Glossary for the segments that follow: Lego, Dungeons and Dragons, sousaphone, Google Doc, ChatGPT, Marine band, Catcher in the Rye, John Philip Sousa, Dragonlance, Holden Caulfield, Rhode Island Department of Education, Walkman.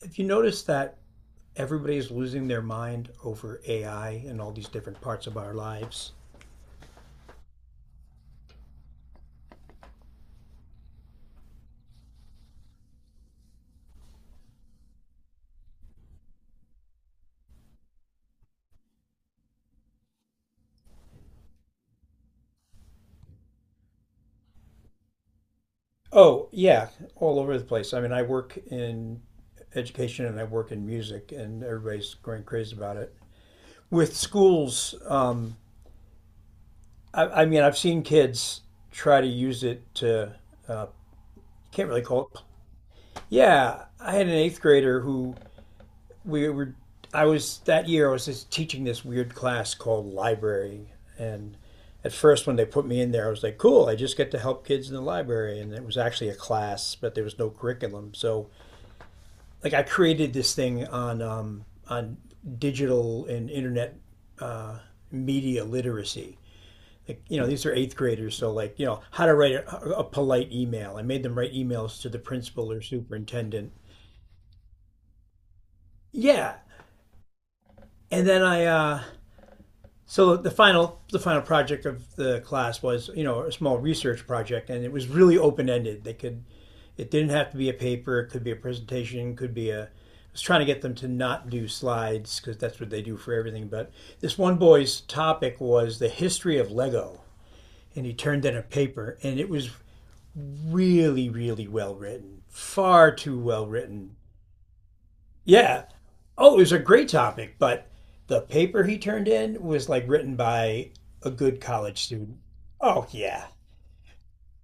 Have you noticed that everybody is losing their mind over AI and all these different parts of our lives? Oh, yeah, all over the place. I mean, I work in education and I work in music, and everybody's going crazy about it. With schools, I mean, I've seen kids try to use it to, can't really call it. Yeah, I had an eighth grader who we were I was that year I was just teaching this weird class called library, and at first when they put me in there I was like, cool, I just get to help kids in the library, and it was actually a class but there was no curriculum. So like I created this thing on on digital and internet uh, media literacy. Like, you know, these are eighth graders, so like, you know, how to write a polite email. I made them write emails to the principal or superintendent. Yeah. And then, I so the final project of the class was, you know, a small research project, and it was really open ended. They could, it didn't have to be a paper. It could be a presentation. Could be a I was trying to get them to not do slides because that's what they do for everything. But this one boy's topic was the history of Lego, and he turned in a paper, and it was really, really well written. Far too well written. Yeah. Oh, it was a great topic, but the paper he turned in was like written by a good college student. Oh, yeah.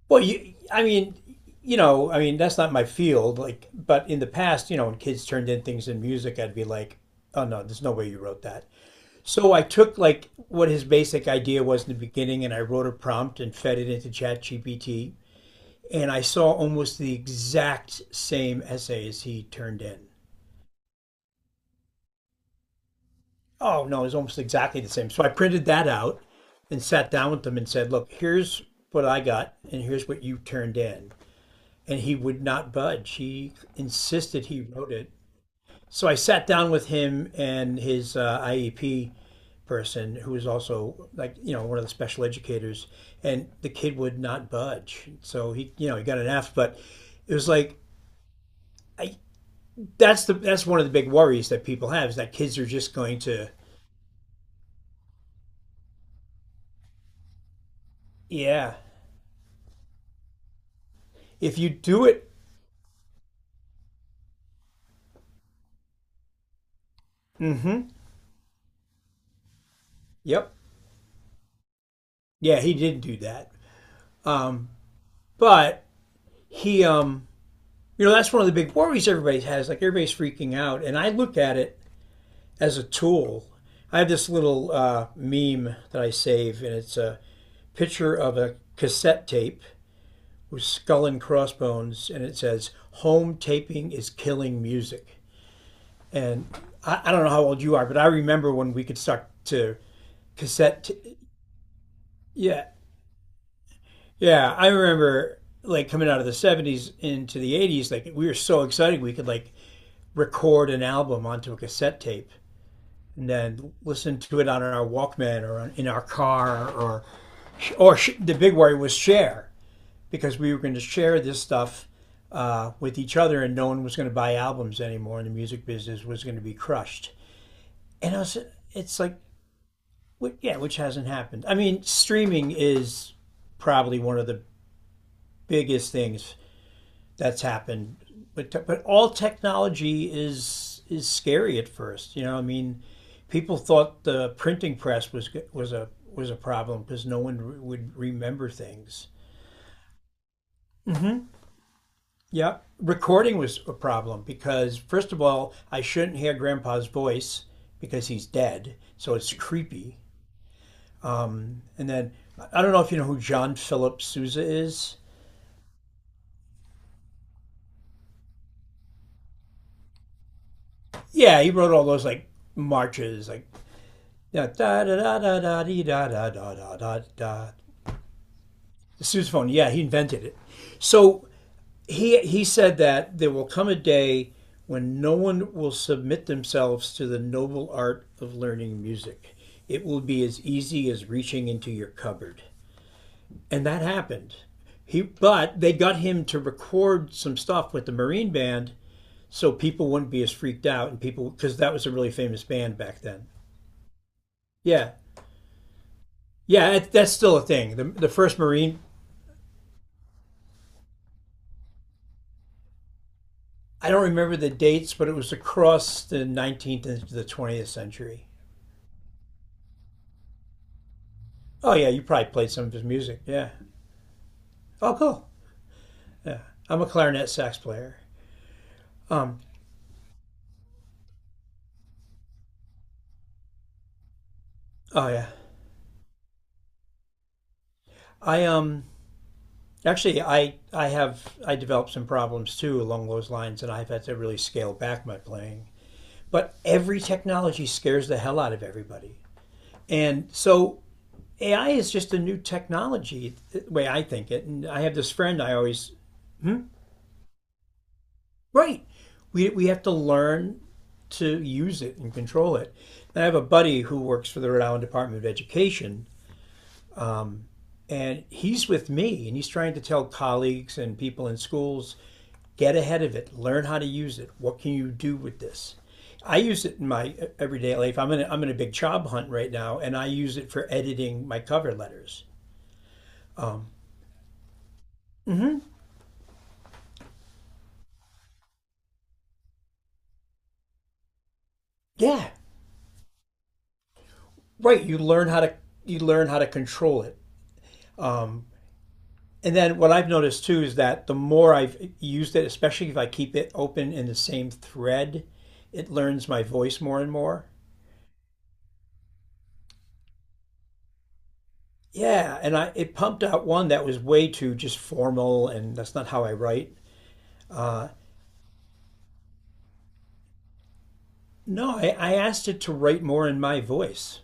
Well, I mean, you know, I mean, that's not my field. Like, but in the past, you know, when kids turned in things in music, I'd be like, oh no, there's no way you wrote that. So I took like what his basic idea was in the beginning, and I wrote a prompt and fed it into ChatGPT. And I saw almost the exact same essay as he turned in. Oh, no, it was almost exactly the same. So I printed that out and sat down with them and said, look, here's what I got and here's what you turned in. And he would not budge. He insisted he wrote it. So I sat down with him and his IEP person, who was also like, you know, one of the special educators, and the kid would not budge. So he, you know, he got an F, but it was like, I, that's one of the big worries that people have, is that kids are just going to. Yeah. If you do it. Mm-hmm. Yep. Yeah, he did do that. Um, but he, um, you know, that's one of the big worries everybody has. Like, everybody's freaking out, and I look at it as a tool. I have this little meme that I save, and it's a picture of a cassette tape with skull and crossbones, and it says, "Home taping is killing music." And I don't know how old you are, but I remember when we could suck to cassette. Yeah. Yeah, I remember like coming out of the 70s into the 80s, like we were so excited we could like record an album onto a cassette tape and then listen to it on our Walkman, or in our car, or the big worry was share, because we were going to share this stuff with each other, and no one was going to buy albums anymore, and the music business was going to be crushed. And I was, it's like, yeah, which hasn't happened. I mean, streaming is probably one of the biggest things that's happened. But all technology is scary at first. You know, I mean, people thought the printing press was a problem because no one would remember things. Yeah, recording was a problem because, first of all, I shouldn't hear Grandpa's voice because he's dead, so it's creepy. And then I don't know if you know who John Philip Sousa is. Yeah, he wrote all those like marches, like da da da da da da da da da da da. The sousaphone, yeah, he invented it. So he said that there will come a day when no one will submit themselves to the noble art of learning music. It will be as easy as reaching into your cupboard. And that happened. He But they got him to record some stuff with the Marine band so people wouldn't be as freaked out, and people, because that was a really famous band back then. Yeah. Yeah, that's still a thing. The first Marine. I don't remember the dates, but it was across the 19th and the 20th century. Oh yeah, you probably played some of his music. Yeah. Oh cool. I'm a clarinet sax player. Um. Oh yeah. I. Actually, I developed some problems too along those lines, and I've had to really scale back my playing. But every technology scares the hell out of everybody, and so AI is just a new technology, the way I think it. And I have this friend I always. Right. We have to learn to use it and control it. And I have a buddy who works for the Rhode Island Department of Education, and he's with me, and he's trying to tell colleagues and people in schools, get ahead of it, learn how to use it. What can you do with this? I use it in my everyday life. I'm in a big job hunt right now, and I use it for editing my cover letters. Yeah, right. You learn how to control it. And then what I've noticed too is that the more I've used it, especially if I keep it open in the same thread, it learns my voice more and more. Yeah, and I it pumped out one that was way too just formal, and that's not how I write. No, I asked it to write more in my voice.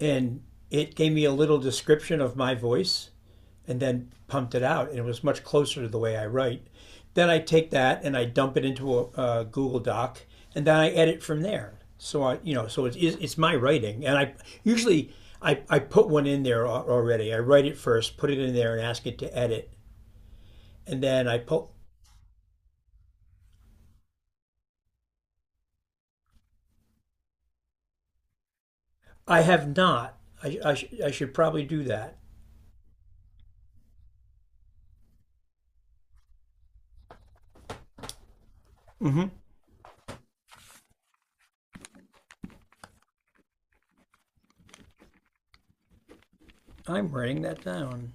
And it gave me a little description of my voice and then pumped it out, and it was much closer to the way I write. Then I take that and I dump it into a Google Doc, and then I edit from there. So I, you know, so it's my writing. And I usually, I put one in there already. I write it first, put it in there, and ask it to edit, and then I put. I have not. I should probably do that. Mm-hmm. I'm writing that down.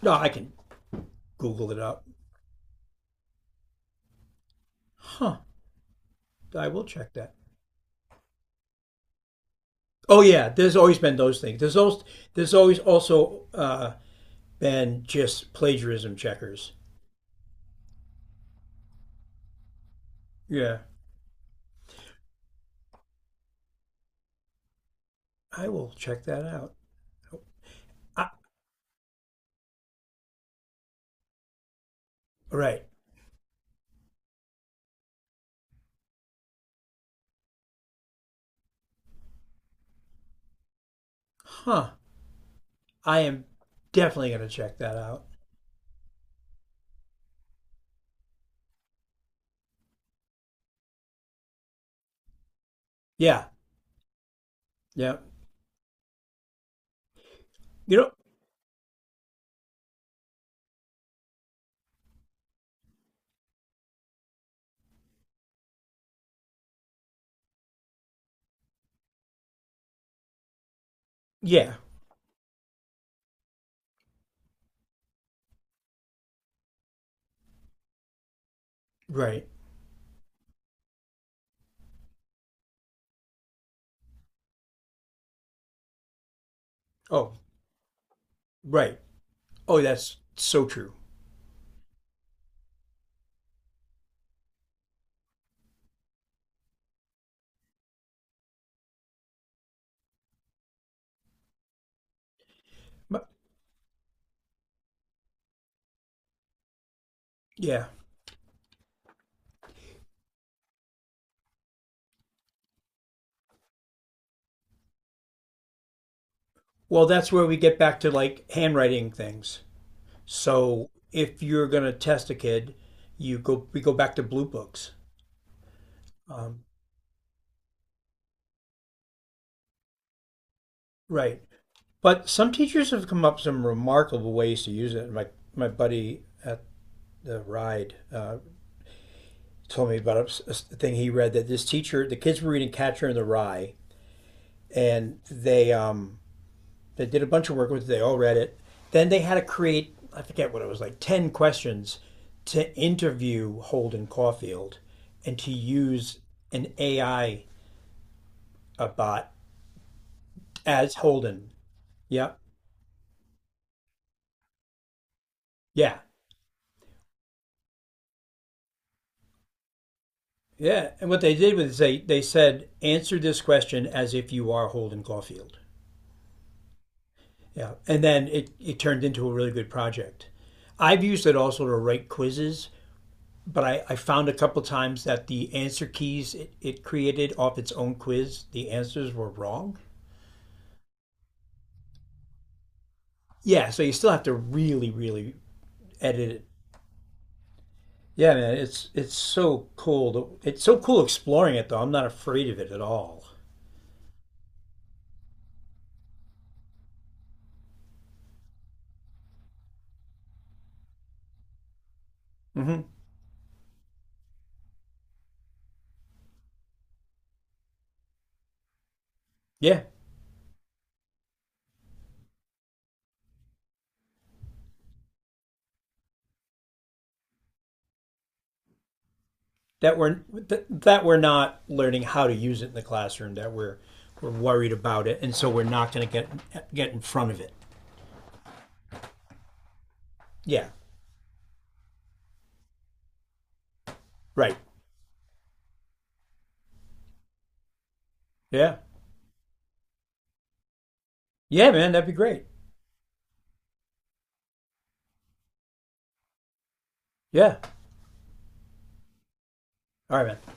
No, I can Google it up. Huh? I will check that. Oh yeah, there's always been those things. There's always also been just plagiarism checkers. Yeah, I will check that out. I, right? Huh? I am definitely gonna check that out. Yeah, yeah. You know, yeah. Right. Oh, right. Oh, that's so true. But, yeah. Well, that's where we get back to like handwriting things. So if you're gonna test a kid, you go we go back to blue books. Um, right. But some teachers have come up with some remarkable ways to use it. My buddy at the RIDE told me about a thing he read, that this teacher, the kids were reading Catcher in the Rye, and they did a bunch of work with it. They all read it. Then they had to create, I forget what it was, like 10 questions to interview Holden Caulfield and to use an AI, a I bot, as Holden. Yeah, yeah. Yeah, and what they did was, they said, answer this question as if you are Holden Caulfield. Yeah, and then it turned into a really good project. I've used it also to write quizzes, but I found a couple times that the answer keys, it created off its own quiz, the answers were wrong. Yeah, so you still have to really, really edit it. Yeah, man, it's so cool. It's so cool exploring it though. I'm not afraid of it at all. Hmm. Yeah. That we're that, we're not learning how to use it in the classroom. That we're worried about it, and so we're not going to get in front of it. Yeah, right. Yeah, yeah, man, that'd be great. Yeah, all right, man.